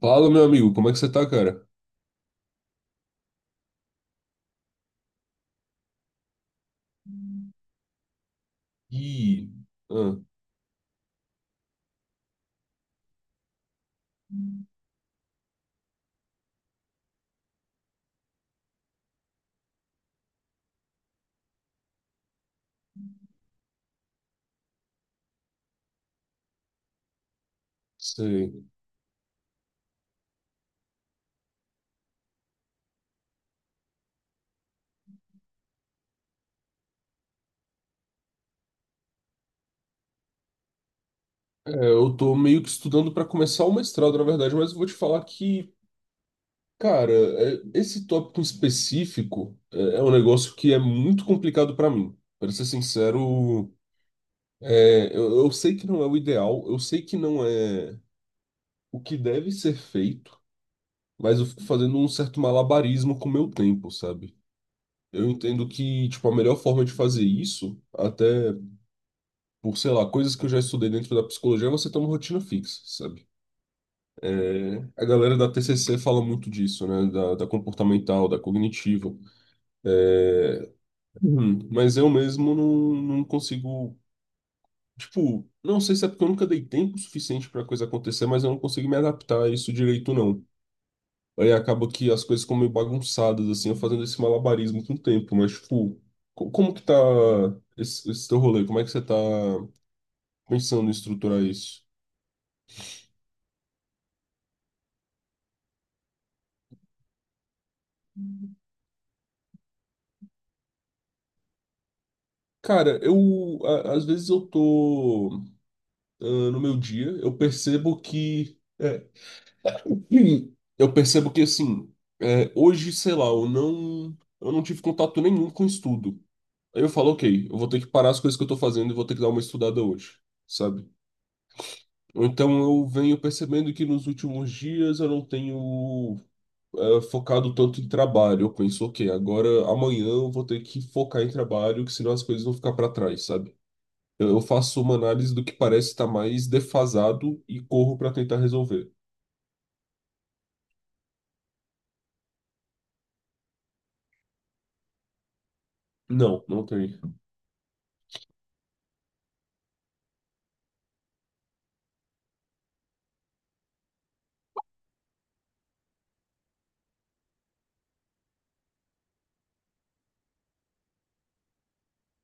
Fala, meu amigo, como é que você tá, cara? E Ah, sei. Eu tô meio que estudando pra começar o mestrado, na verdade, mas eu vou te falar que, cara, esse tópico em específico é um negócio que é muito complicado pra mim. Pra ser sincero, eu sei que não é o ideal, eu sei que não é o que deve ser feito, mas eu fico fazendo um certo malabarismo com o meu tempo, sabe? Eu entendo que, tipo, a melhor forma de fazer isso, até por, sei lá, coisas que eu já estudei dentro da psicologia, você tem uma rotina fixa, sabe? É, a galera da TCC fala muito disso, né? Da, da comportamental, da cognitiva. Uhum. Mas eu mesmo não consigo. Tipo, não sei se é porque eu nunca dei tempo suficiente pra coisa acontecer, mas eu não consigo me adaptar a isso direito, não. Aí acaba que as coisas ficam meio bagunçadas, assim, eu fazendo esse malabarismo com o tempo, mas, tipo, como que tá esse teu rolê? Como é que você tá pensando em estruturar isso? Cara, às vezes eu tô ah, no meu dia, eu percebo que eu percebo que assim, é, hoje, sei lá, eu não tive contato nenhum com estudo. Aí eu falo, ok, eu vou ter que parar as coisas que eu tô fazendo e vou ter que dar uma estudada hoje, sabe? Ou então eu venho percebendo que nos últimos dias eu não tenho focado tanto em trabalho. Eu penso, ok, agora amanhã eu vou ter que focar em trabalho, que senão as coisas vão ficar pra trás, sabe? Eu faço uma análise do que parece estar mais defasado e corro para tentar resolver. Não, não tem.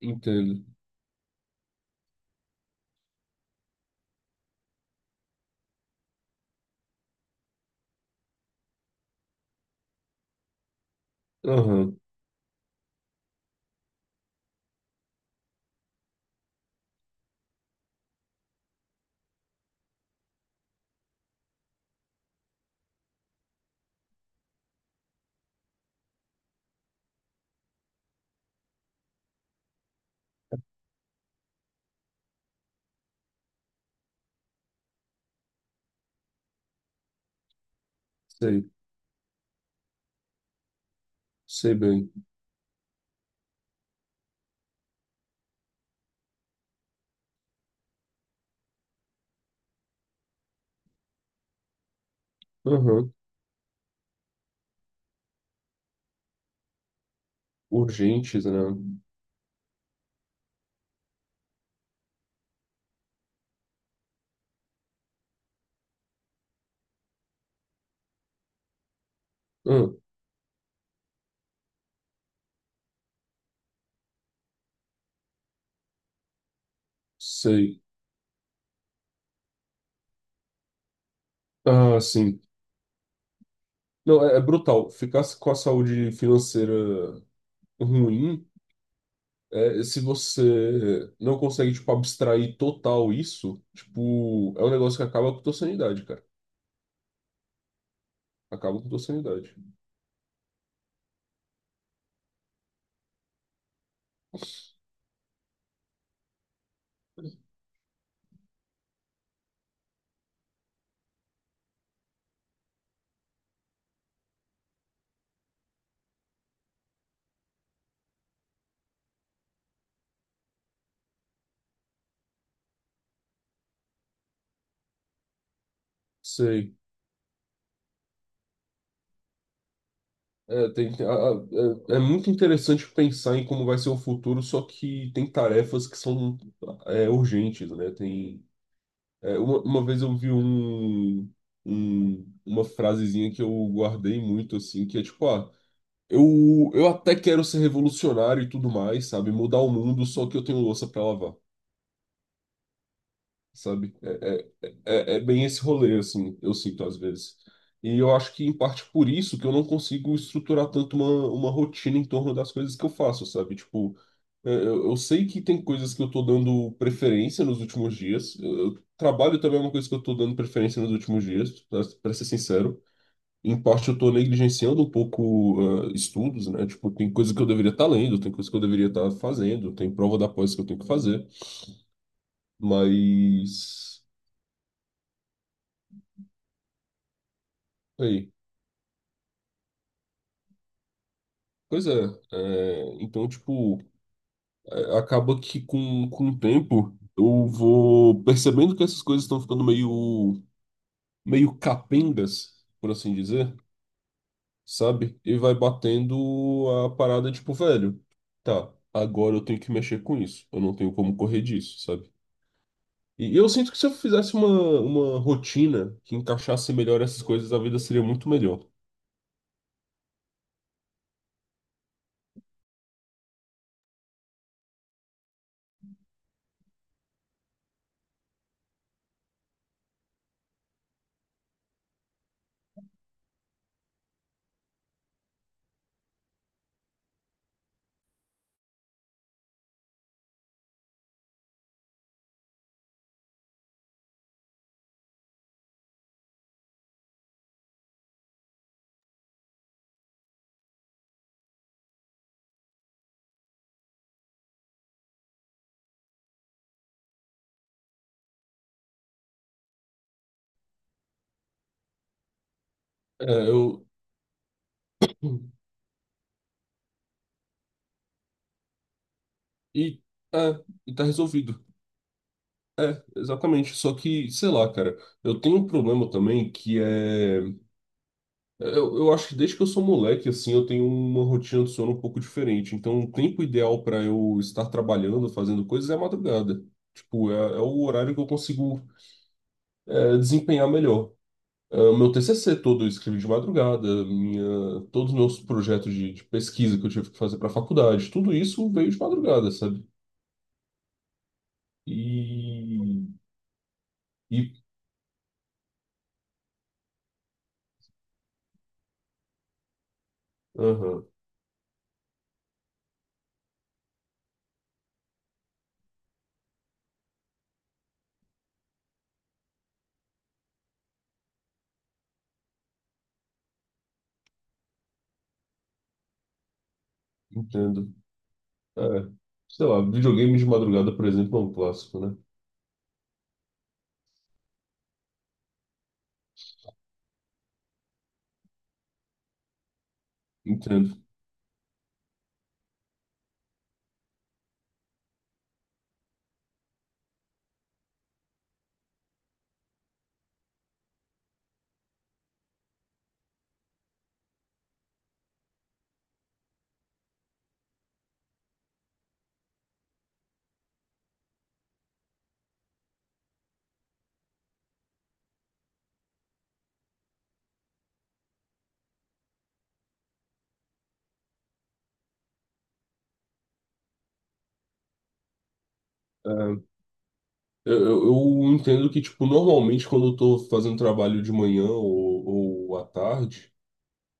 Entendo. Aham, sei. Sei bem. Aham, urgentes, né? Ah, sei. Ah, sim. Não, é brutal. Ficar com a saúde financeira ruim, é, se você não consegue, tipo, abstrair total isso, tipo, é um negócio que acaba com a tua sanidade, cara. Acaba com a tua sanidade. Sei. É, tem- a- a- é muito interessante pensar em como vai ser o futuro, só que tem tarefas que são urgentes, né? Tem, uma vez eu vi uma frasezinha que eu guardei muito, assim, que é tipo, ah, eu até quero ser revolucionário e tudo mais, sabe? Mudar o mundo, só que eu tenho louça pra lavar. Sabe? É bem esse rolê, assim, eu sinto às vezes. E eu acho que, em parte, por isso que eu não consigo estruturar tanto uma rotina em torno das coisas que eu faço, sabe? Tipo, eu sei que tem coisas que eu tô dando preferência nos últimos dias. Trabalho também é uma coisa que eu tô dando preferência nos últimos dias, pra ser sincero. Em parte, eu tô negligenciando um pouco, ah, estudos, né? Tipo, tem coisa que eu deveria estar lendo, tem coisa que eu deveria estar fazendo, tem prova da pós que eu tenho que fazer. Mas... Ei, pois é, então, tipo, acaba que com o tempo eu vou percebendo que essas coisas estão ficando meio capengas, por assim dizer, sabe? E vai batendo a parada, tipo, velho, tá, agora eu tenho que mexer com isso, eu não tenho como correr disso, sabe? E eu sinto que se eu fizesse uma rotina que encaixasse melhor essas coisas, a vida seria muito melhor. É, eu. E, é, e tá resolvido. Exatamente, só que, sei lá, cara, eu tenho um problema também que é. Eu acho que desde que eu sou moleque, assim, eu tenho uma rotina de sono um pouco diferente. Então, o tempo ideal para eu estar trabalhando, fazendo coisas é a madrugada. Tipo, é o horário que eu consigo, é, desempenhar melhor. É, o meu TCC todo eu escrevi de madrugada, minha, todos os meus projetos de pesquisa que eu tive que fazer para faculdade, tudo isso veio de madrugada, sabe? E. E. Aham, entendo. É, sei lá, videogame de madrugada, por exemplo, é um clássico, né? Entendo. Eu entendo que, tipo, normalmente quando eu tô fazendo trabalho de manhã ou à tarde,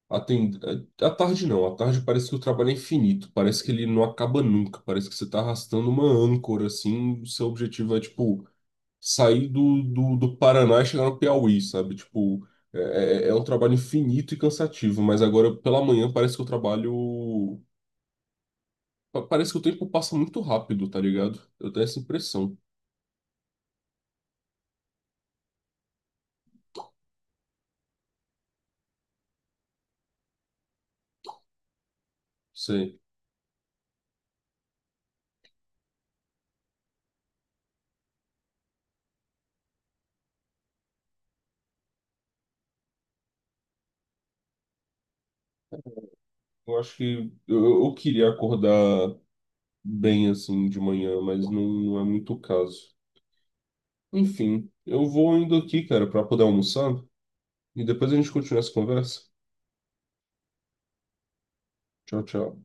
a ten- à tarde não, à tarde parece que o trabalho é infinito, parece que ele não acaba nunca, parece que você tá arrastando uma âncora, assim, o seu objetivo é, tipo, sair do Paraná e chegar no Piauí, sabe? Tipo, é um trabalho infinito e cansativo, mas agora pela manhã parece que o trabalho parece que o tempo passa muito rápido, tá ligado? Eu tenho essa impressão. Sei. Eu acho que eu queria acordar bem assim de manhã, mas não é muito o caso. Enfim, eu vou indo aqui, cara, pra poder almoçar e depois a gente continua essa conversa. Tchau, tchau.